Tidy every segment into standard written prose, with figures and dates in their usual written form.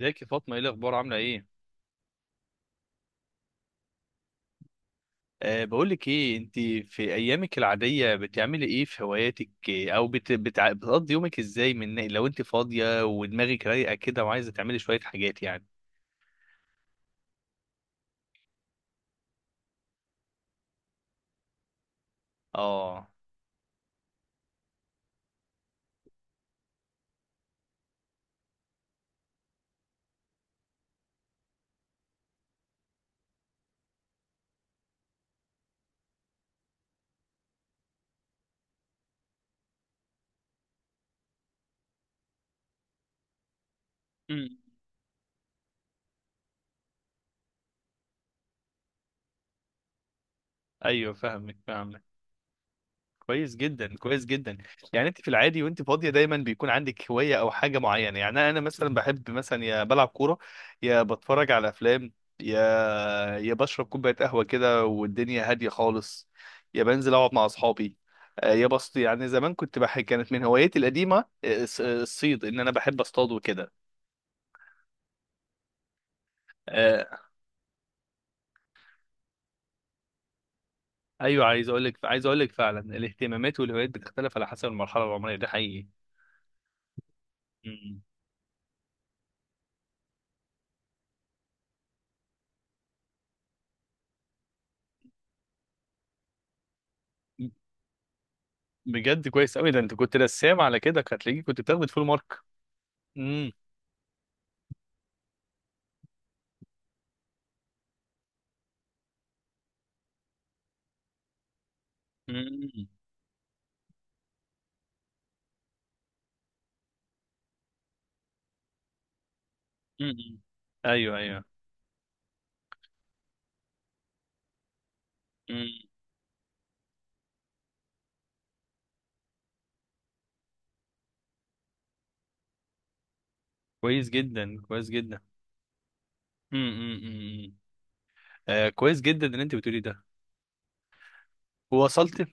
ازيك يا فاطمة، ايه الأخبار، عاملة ايه؟ أه، بقولك ايه، انت في أيامك العادية بتعملي ايه في هواياتك إيه، أو بتقضي يومك ازاي لو انت فاضية ودماغك رايقة كده وعايزة تعملي شوية حاجات يعني. اه. مم. ايوه، فاهمك فاهمك. كويس جدا، كويس جدا. يعني انت في العادي وانت فاضيه دايما بيكون عندك هوايه او حاجه معينه. يعني أنا مثلا بحب، مثلا يا بلعب كوره، يا بتفرج على افلام، يا يا بشرب كوبايه قهوه كده والدنيا هاديه خالص، يا بنزل اقعد مع اصحابي. يا بص، يعني زمان كنت بحب، كانت من هواياتي القديمه، الصيد، ان انا بحب اصطاد وكده. آه، ايوه، عايز اقول لك فعلا الاهتمامات والهوايات بتختلف على حسب المرحله العمريه، ده حقيقي. مم. بجد كويس قوي، ده انت كنت رسام، على كده كانت هتلاقيك كنت بتاخد فول مارك. امم. امم. امم. ايوه، ايوه. امم. كويس جدا، كويس جدا. امم. امم. كويس جدا ان انت بتقولي ده. ووصلت.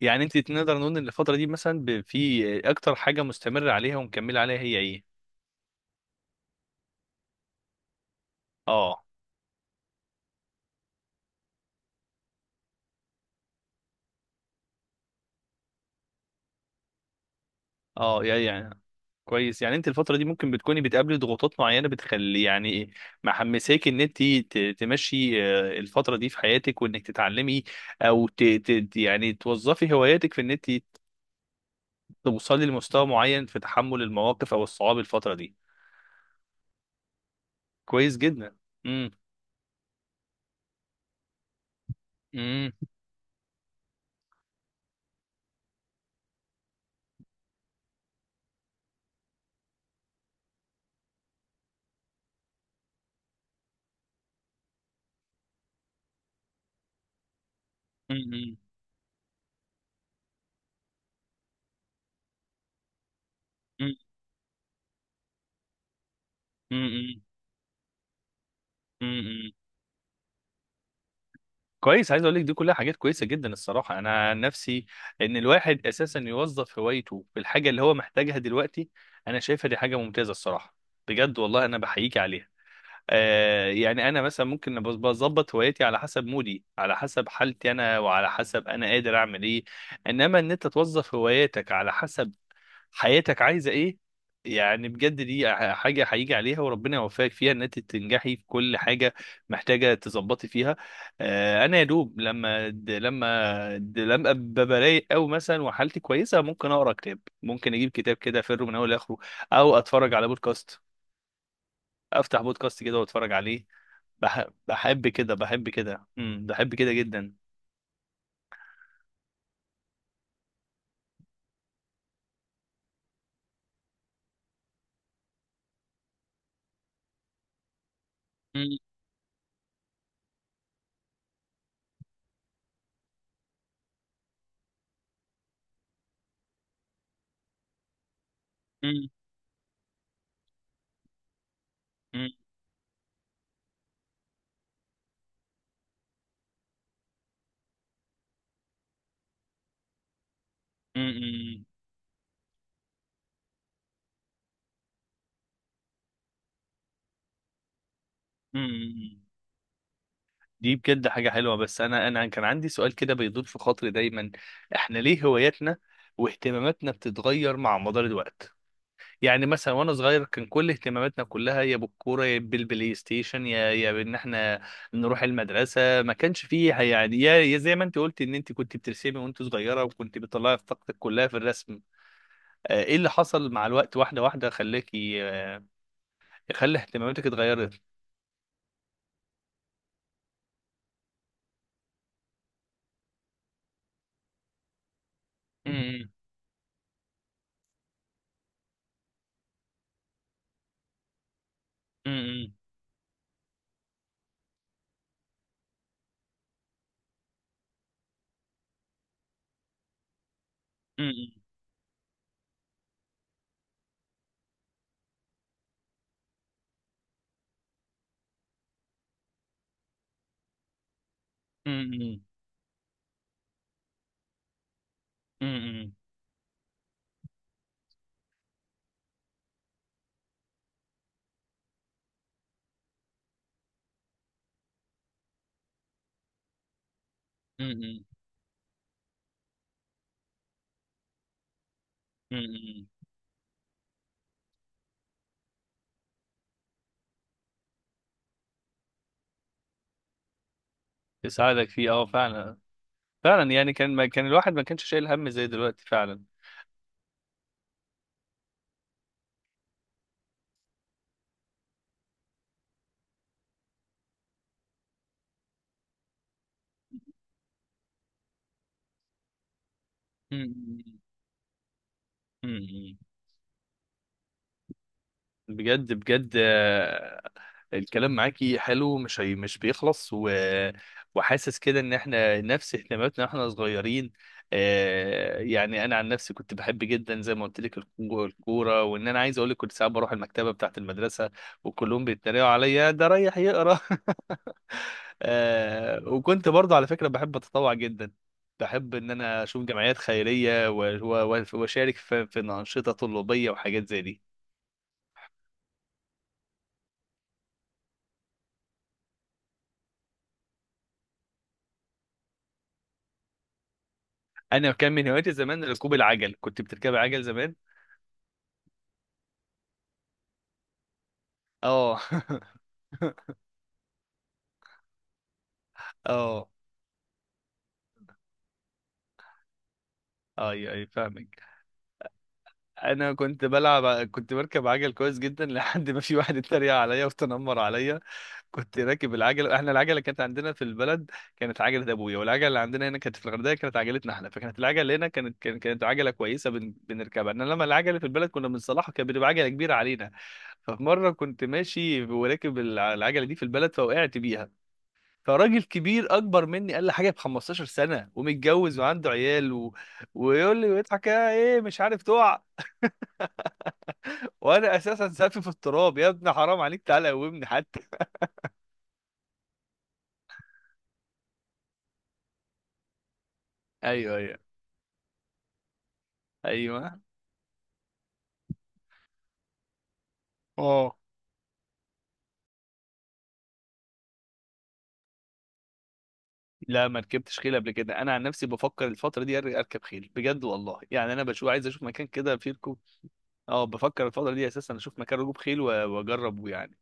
يعني انت نقدر نقول ان الفتره دي مثلا، في اكتر حاجه مستمره عليها ومكمله عليها، هي ايه؟ اه. اه. يعني كويس، يعني انت الفترة دي ممكن بتكوني بتقابلي ضغوطات معينة بتخلي، يعني إيه، محمساك ان انت تمشي الفترة دي في حياتك وانك تتعلمي، او يعني توظفي هواياتك في ان انت توصلي لمستوى معين في تحمل المواقف او الصعاب الفترة دي. كويس جدا. امم. امم. امم. امم. كويس، عايز اقول لك دي كلها حاجات كويسه جدا الصراحه. انا عن نفسي، ان الواحد اساسا يوظف هوايته في الحاجه اللي هو محتاجها دلوقتي، انا شايفها دي حاجه ممتازه الصراحه. بجد والله انا بحييك عليها. يعني انا مثلا ممكن بظبط هوايتي على حسب مودي، على حسب حالتي انا، وعلى حسب انا قادر اعمل ايه. انما ان انت توظف هواياتك على حسب حياتك عايزه ايه، يعني بجد دي حاجه هيجي عليها، وربنا يوفقك فيها ان انت تنجحي في كل حاجه محتاجه تظبطي فيها. انا يا دوب لما لما أبقى رايق، او مثلا وحالتي كويسه، ممكن اقرا كتاب، ممكن اجيب كتاب كده افره من اول لاخره، او اتفرج على بودكاست، افتح بودكاست كده واتفرج عليه. بحب كده، بحب كده، بحب كده جدا. مم. مم. مم. مم. مم. مم. مم. دي بجد حاجة حلوة، بس أنا كان عندي سؤال كده بيدور في خاطري دايما، إحنا ليه هواياتنا واهتماماتنا بتتغير مع مدار الوقت؟ يعني مثلا وأنا صغير كان كل اهتماماتنا كلها يا بالكورة يا بالبلاي ستيشن يا بإن إحنا نروح المدرسة، ما كانش فيه يعني، يا زي ما أنت قلت إن أنت كنت بترسمي وأنت صغيرة وكنت بتطلعي في طاقتك كلها في الرسم. إيه اللي حصل مع الوقت واحدة واحدة خلاكي خلى اهتماماتك اتغيرت؟ امم. امم. امم. امم. امم. امم. تساعدك فيه، اه فعلا. فعلا، يعني كان ما كان الواحد ما كانش شايل هم زي دلوقتي فعلا. امم. امم. بجد بجد. الكلام معاكي حلو، مش هي مش بيخلص وحاسس كده ان احنا نفس اهتماماتنا واحنا صغيرين. يعني انا عن نفسي كنت بحب جدا زي ما قلت لك الكوره، وان انا عايز اقول لك كنت ساعات بروح المكتبه بتاعت المدرسه وكلهم بيتريقوا عليا، ده رايح يقرا. وكنت برضه على فكرة بحب أتطوع جدا. بحب إن أنا أشوف جمعيات خيرية وأشارك في أنشطة طلابية وحاجات زي دي. أنا كان من هواياتي زمان ركوب العجل، كنت بتركب عجل زمان. اه. اه. اي اي فاهمك. انا كنت بركب عجل كويس جدا لحد ما في واحد اتريق عليا وتنمر عليا. كنت راكب العجله، احنا العجله كانت عندنا في البلد كانت عجله ابويا، والعجله اللي عندنا هنا كانت في الغردقه كانت عجلتنا احنا. فكانت العجله هنا كانت عجله كويسه بنركبها، انما لما العجله في البلد كنا بنصلحها كانت بتبقى عجله كبيره علينا. ففي مره كنت ماشي وراكب العجله دي في البلد فوقعت بيها. فراجل كبير اكبر مني قال لي حاجه ب 15 سنه، ومتجوز وعنده عيال ويقول لي ويضحك: يا، ايه مش عارف تقع؟ وانا اساسا سافي في التراب، يا ابني حرام عليك، تعالى قومني حتى. ايوه، ايوه، ايوه. لا ما ركبتش خيل قبل كده، انا عن نفسي بفكر الفتره دي اركب خيل بجد والله. يعني انا بشوف، عايز اشوف مكان كده فيه ركوب. اه، بفكر الفتره دي اساسا اشوف مكان ركوب خيل واجربه يعني.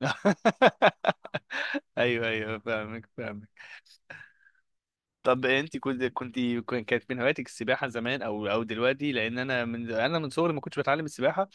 ايوه، ايوه، فاهمك فاهمك. طب انت كنت كانت من هواياتك السباحه زمان او دلوقتي؟ لان انا من صغري ما كنتش بتعلم السباحه،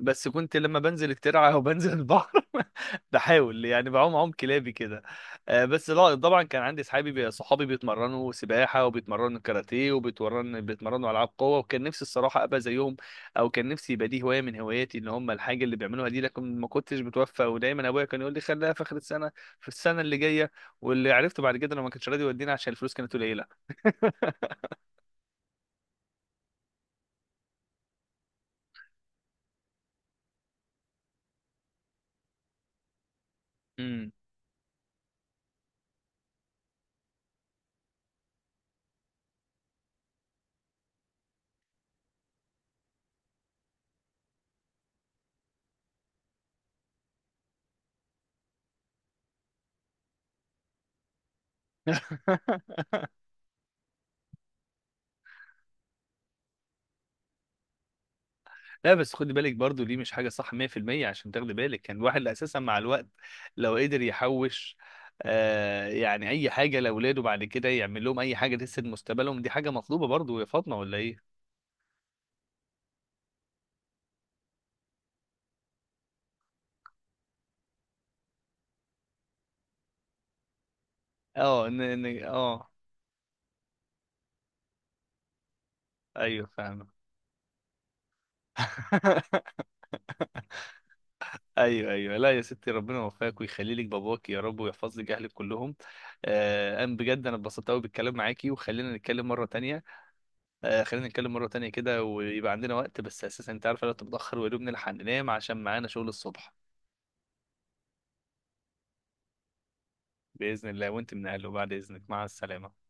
بس كنت لما بنزل الترعه او بنزل البحر بحاول يعني بعوم عوم كلابي كده. بس لا طبعا كان عندي صحابي بيتمرنوا سباحه وبيتمرنوا كاراتيه بيتمرنوا العاب قوه، وكان نفسي الصراحه ابقى زيهم، او كان نفسي يبقى دي هوايه من هواياتي ان هم الحاجه اللي بيعملوها دي، لكن ما كنتش متوفق، ودايما ابويا كان يقول لي خليها في اخر السنه، في السنه اللي جايه. واللي عرفته بعد كده انه ما كانش راضي يودينا عشان الفلوس كانت قليله. امم. لا بس خدي بالك برضو، دي مش حاجة صح 100%، عشان تاخدي بالك كان الواحد أساسا مع الوقت لو قدر يحوش يعني أي حاجة لأولاده، بعد كده يعمل لهم أي حاجة تسد مستقبلهم. دي حاجة مطلوبة برضو يا فاطمة، ولا إيه؟ أه إن إن أه. أيوه، فاهمة. ايوه، ايوه. لا يا ستي، ربنا يوفقك ويخلي لك باباك يا رب ويحفظ لك اهلك كلهم. انا بجد انا اتبسطت قوي بالكلام معاكي، وخلينا نتكلم مره تانية. خلينا نتكلم مرة تانية كده ويبقى عندنا وقت، بس أساسا أنت عارف، الوقت متأخر ويا دوب نلحق ننام عشان معانا شغل الصبح. بإذن الله وأنت من أهله، بعد إذنك، مع السلامة.